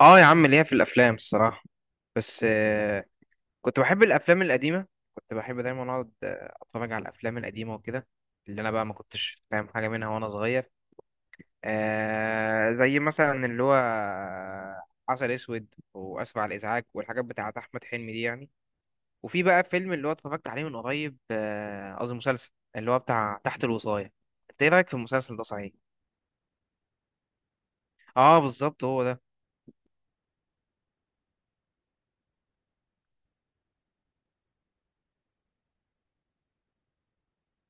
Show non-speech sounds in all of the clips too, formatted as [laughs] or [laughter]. اه، يا عم ليا في الافلام الصراحه. بس كنت بحب الافلام القديمه. كنت بحب دايما اقعد اتفرج على الافلام القديمه وكده، اللي انا بقى ما كنتش فاهم حاجه منها وانا صغير. زي مثلا اللي هو عسل اسود واسف على الازعاج والحاجات بتاعه احمد حلمي دي يعني. وفي بقى فيلم اللي هو اتفرجت عليه من قريب، قصدي مسلسل، اللي هو بتاع تحت الوصايه. انت ايه رايك في المسلسل ده صحيح؟ اه، بالظبط هو ده.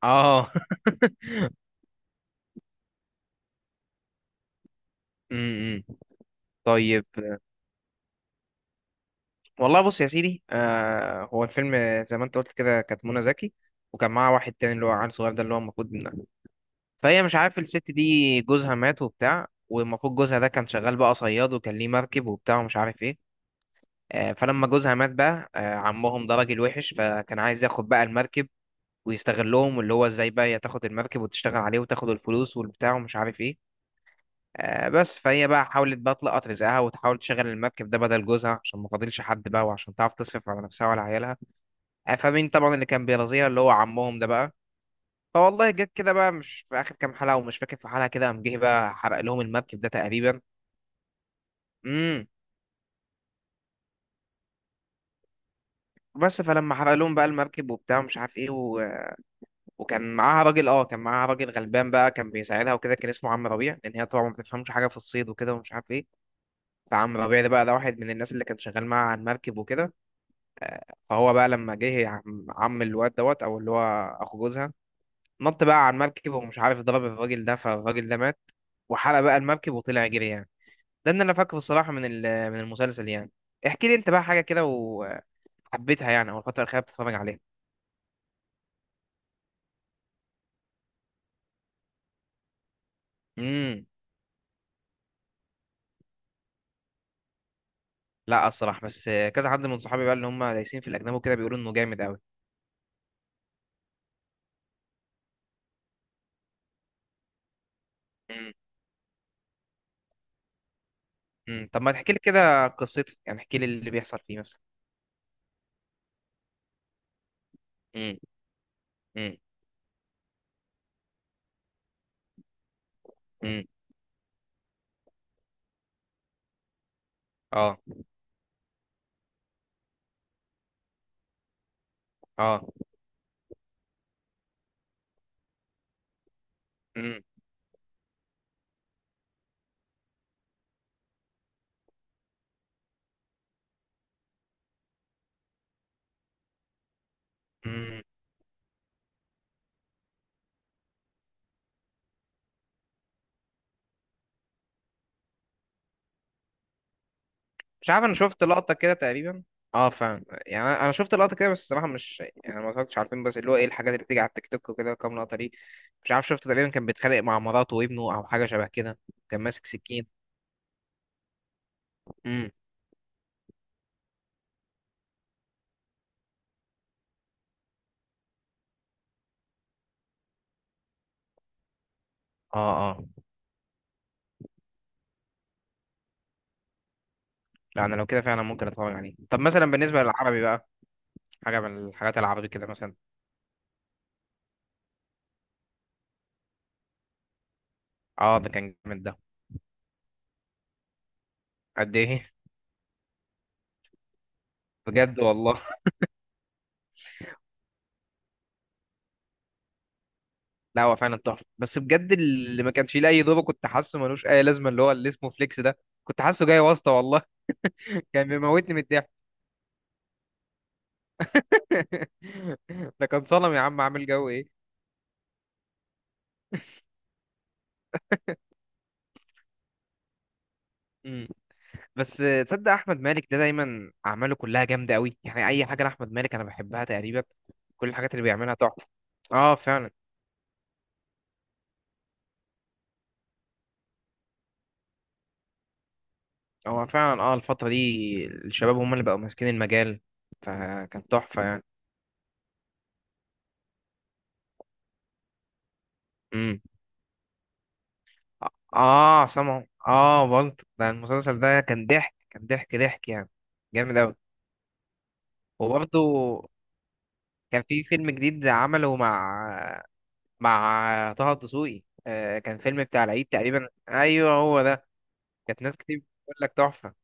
اه. [laughs] م- م. طيب. والله بص يا سيدي، هو الفيلم زي ما انت قلت كده كانت منى زكي، وكان معاها واحد تاني اللي هو عيل صغير ده، اللي هو المفروض فهي، مش عارف، الست دي جوزها مات وبتاع، والمفروض جوزها ده كان شغال بقى صياد وكان ليه مركب وبتاع ومش عارف ايه. فلما جوزها مات بقى، عمهم ده راجل وحش، فكان عايز ياخد بقى المركب ويستغلهم، واللي هو ازاي بقى هي تاخد المركب وتشتغل عليه وتاخد الفلوس والبتاع ومش عارف ايه. بس فهي بقى حاولت بقى تلقط رزقها وتحاول تشغل المركب ده بدل جوزها، عشان ما فاضلش حد بقى، وعشان تعرف تصرف على نفسها وعلى عيالها. فمين طبعا اللي كان بيرازيها؟ اللي هو عمهم ده بقى. فوالله، جت كده بقى مش في اخر كام حلقه، ومش فاكر في حلقه كده قام جه بقى حرق لهم المركب ده تقريبا. امم. بس فلما حرق لهم بقى المركب وبتاع مش عارف ايه وكان معاها راجل، كان معاها راجل غلبان بقى كان بيساعدها وكده، كان اسمه عم ربيع، لان هي طبعا ما بتفهمش حاجه في الصيد وكده ومش عارف ايه. فعم ربيع ده بقى، ده واحد من الناس اللي كان شغال معاها على المركب وكده. آه، فهو بقى لما جه عم الواد دوت، او اللي هو اخو جوزها، نط بقى على المركب، ومش عارف ضرب الراجل ده، فالراجل ده مات، وحرق بقى المركب وطلع يجري يعني. ده اللي انا فاكره الصراحه من المسلسل يعني. احكي لي انت بقى حاجه كده وحبيتها يعني، او الفتره الاخيره بتتفرج عليها؟ امم. لا الصراحه، بس كذا حد من صحابي بقى اللي هم دايسين في الاجنبي وكده بيقولوا انه جامد قوي. امم. امم. طب ما تحكي لي كده قصته يعني، احكي لي اللي بيحصل فيه مثلا. امم. امم. امم. اه. اه. امم. مش عارف، انا شفت لقطة كده تقريبا. اه فاهم يعني، انا شفت لقطة كده، بس الصراحة مش يعني، ما اتفرجتش على الفيلم، بس اللي هو ايه الحاجات اللي بتيجي على التيك توك وكده كام لقطة دي. مش عارف، شفت تقريبا كان بيتخانق مع مراته وابنه او حاجة شبه كده. كان ماسك سكين. امم. اه. اه. لا انا لو كده فعلا ممكن اتفرج عليه. طب مثلا بالنسبة للعربي بقى، حاجة من الحاجات العربي كده مثلا. اه، ده كان جامد ده. قد ايه؟ بجد والله. لا هو فعلا تحفة، بس بجد اللي ما كانش فيه لأي دور كنت حاسه ملوش أي لازمة، اللي هو اللي اسمه فليكس ده. كنت حاسه جاي واسطة والله. [laughs] كان بيموتني من الضحك. [laughs] ده كان صنم يا عم، عامل جو ايه. مم. بس تصدق احمد مالك ده دايما اعماله كلها جامده قوي يعني، اي حاجه لاحمد مالك انا بحبها تقريبا. كل الحاجات اللي بيعملها تحفه. اه فعلا. هو فعلا الفتره دي الشباب هم اللي بقوا ماسكين المجال، فكان تحفه يعني. امم. اه سامعه، اه برضه، ده المسلسل ده كان ضحك، كان ضحك ضحك يعني، جامد قوي. وبرضه كان في فيلم جديد عمله مع طه الدسوقي، كان فيلم بتاع العيد تقريبا، ايوه هو ده. كانت ناس كتير بتقول لك تحفه.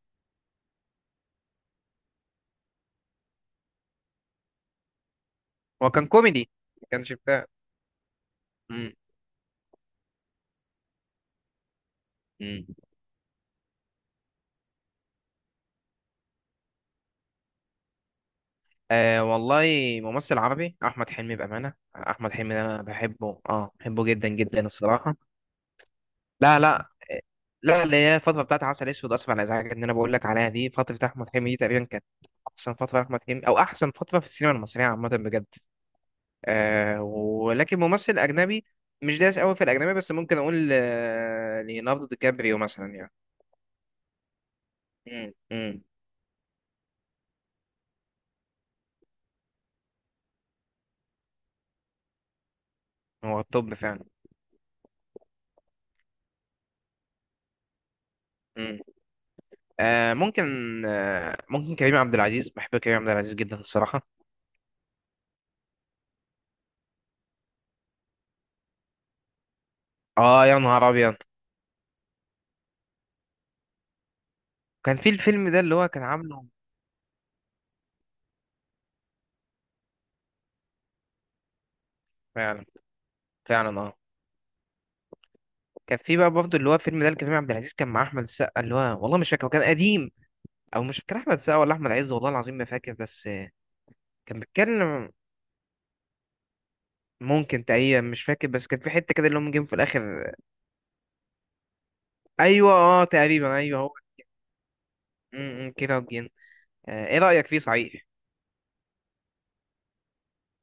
هو كان كوميدي، ما كانش بتاع. مم. مم. والله، ممثل عربي احمد حلمي بامانه، احمد حلمي ده انا بحبه، بحبه جدا جدا الصراحه. لا، لا، لا، اللي هي الفتره بتاعت عسل اسود اسف على الازعاج ان انا بقول لك عليها دي، فتره احمد حلمي دي تقريبا كانت احسن فتره احمد حلمي، او احسن فتره في السينما المصريه عامه بجد. ولكن ممثل أجنبي، مش دايس قوي في الأجنبي، بس ممكن أقول ليوناردو دي كابريو مثلا يعني. مم. مم. هو الطب فعلا. مم. ممكن، ممكن كريم عبد العزيز، بحب كريم عبد العزيز جدا الصراحة. اه يا نهار أبيض. كان في الفيلم ده اللي هو كان عامله، فعلا، فعلا اه. كان في بقى برضه اللي هو الفيلم ده اللي كريم عبد العزيز كان مع أحمد السقا، اللي هو والله مش فاكر هو كان قديم، أو مش فاكر أحمد السقا ولا أحمد عز، والله العظيم ما فاكر بس كان بيتكلم. ممكن تقريبا، مش فاكر، بس كان في حته كده اللي هم جيم في الاخر. ايوه، اه، تقريبا ايوه هو. امم، إمم، كده وجين. آه، ايه رايك فيه صحيح؟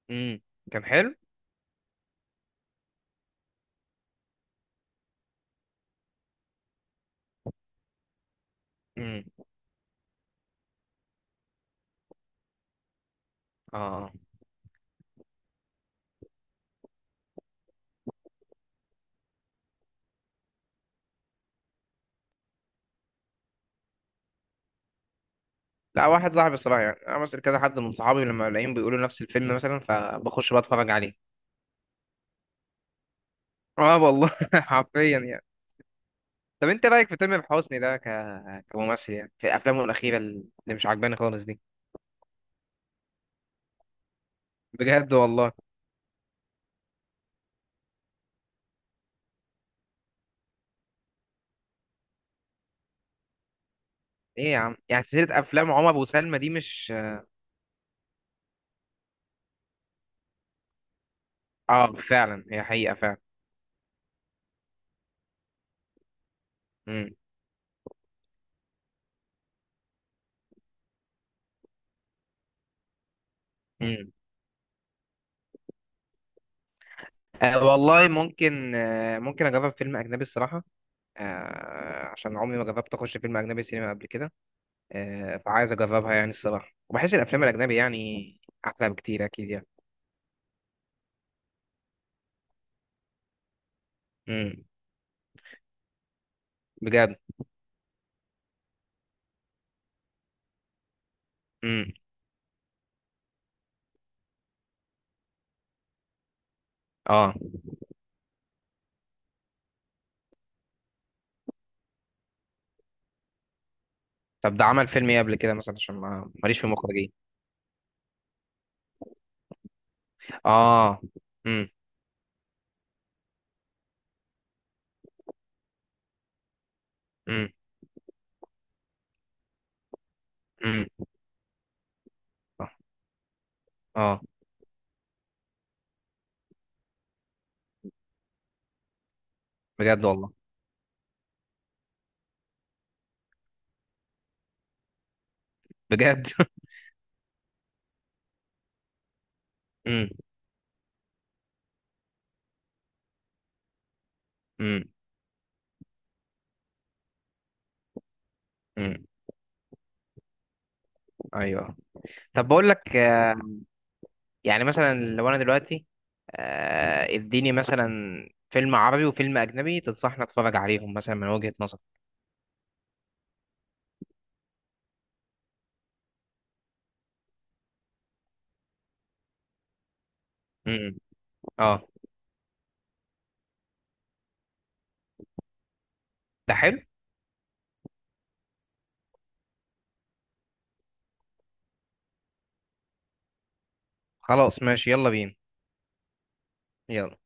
امم. كان حلو. امم. اه، آه. لا واحد صاحبي الصراحه يعني، انا مثلا كذا حد من صحابي لما الاقيهم بيقولوا نفس الفيلم مثلا، فبخش بقى اتفرج عليه. اه والله، [laughs] حرفيا يعني. طب انت رايك في تامر حسني ده، كممثل يعني، في افلامه الاخيره اللي مش عجباني خالص دي. بجد والله. ايه يا عم، يعني سلسله افلام عمر وسلمى دي مش. اه فعلا، هي حقيقه فعلا. امم. إمم. أه والله، ممكن، أه ممكن اجرب فيلم اجنبي الصراحه. عشان عمري ما جربت اخش فيلم اجنبي سينما قبل كده. فعايز اجربها يعني الصراحه، وبحس الافلام الاجنبي يعني احلى بكتير اكيد يعني. امم. بجد. امم. اه، طب ده عمل فيلم ايه قبل كده مثلا، عشان ما ماليش في المخرجين؟ اه. امم. امم. امم. اه. آه، بجد والله. بجد. [laughs] امم. امم. امم. ايوه. طب بقول لك يعني مثلا لو انا دلوقتي، اديني مثلا فيلم عربي وفيلم اجنبي تنصحني اتفرج عليهم مثلا من وجهة نظرك. امم. اه. ده حلو. خلاص ماشي، يلا بينا. يلا.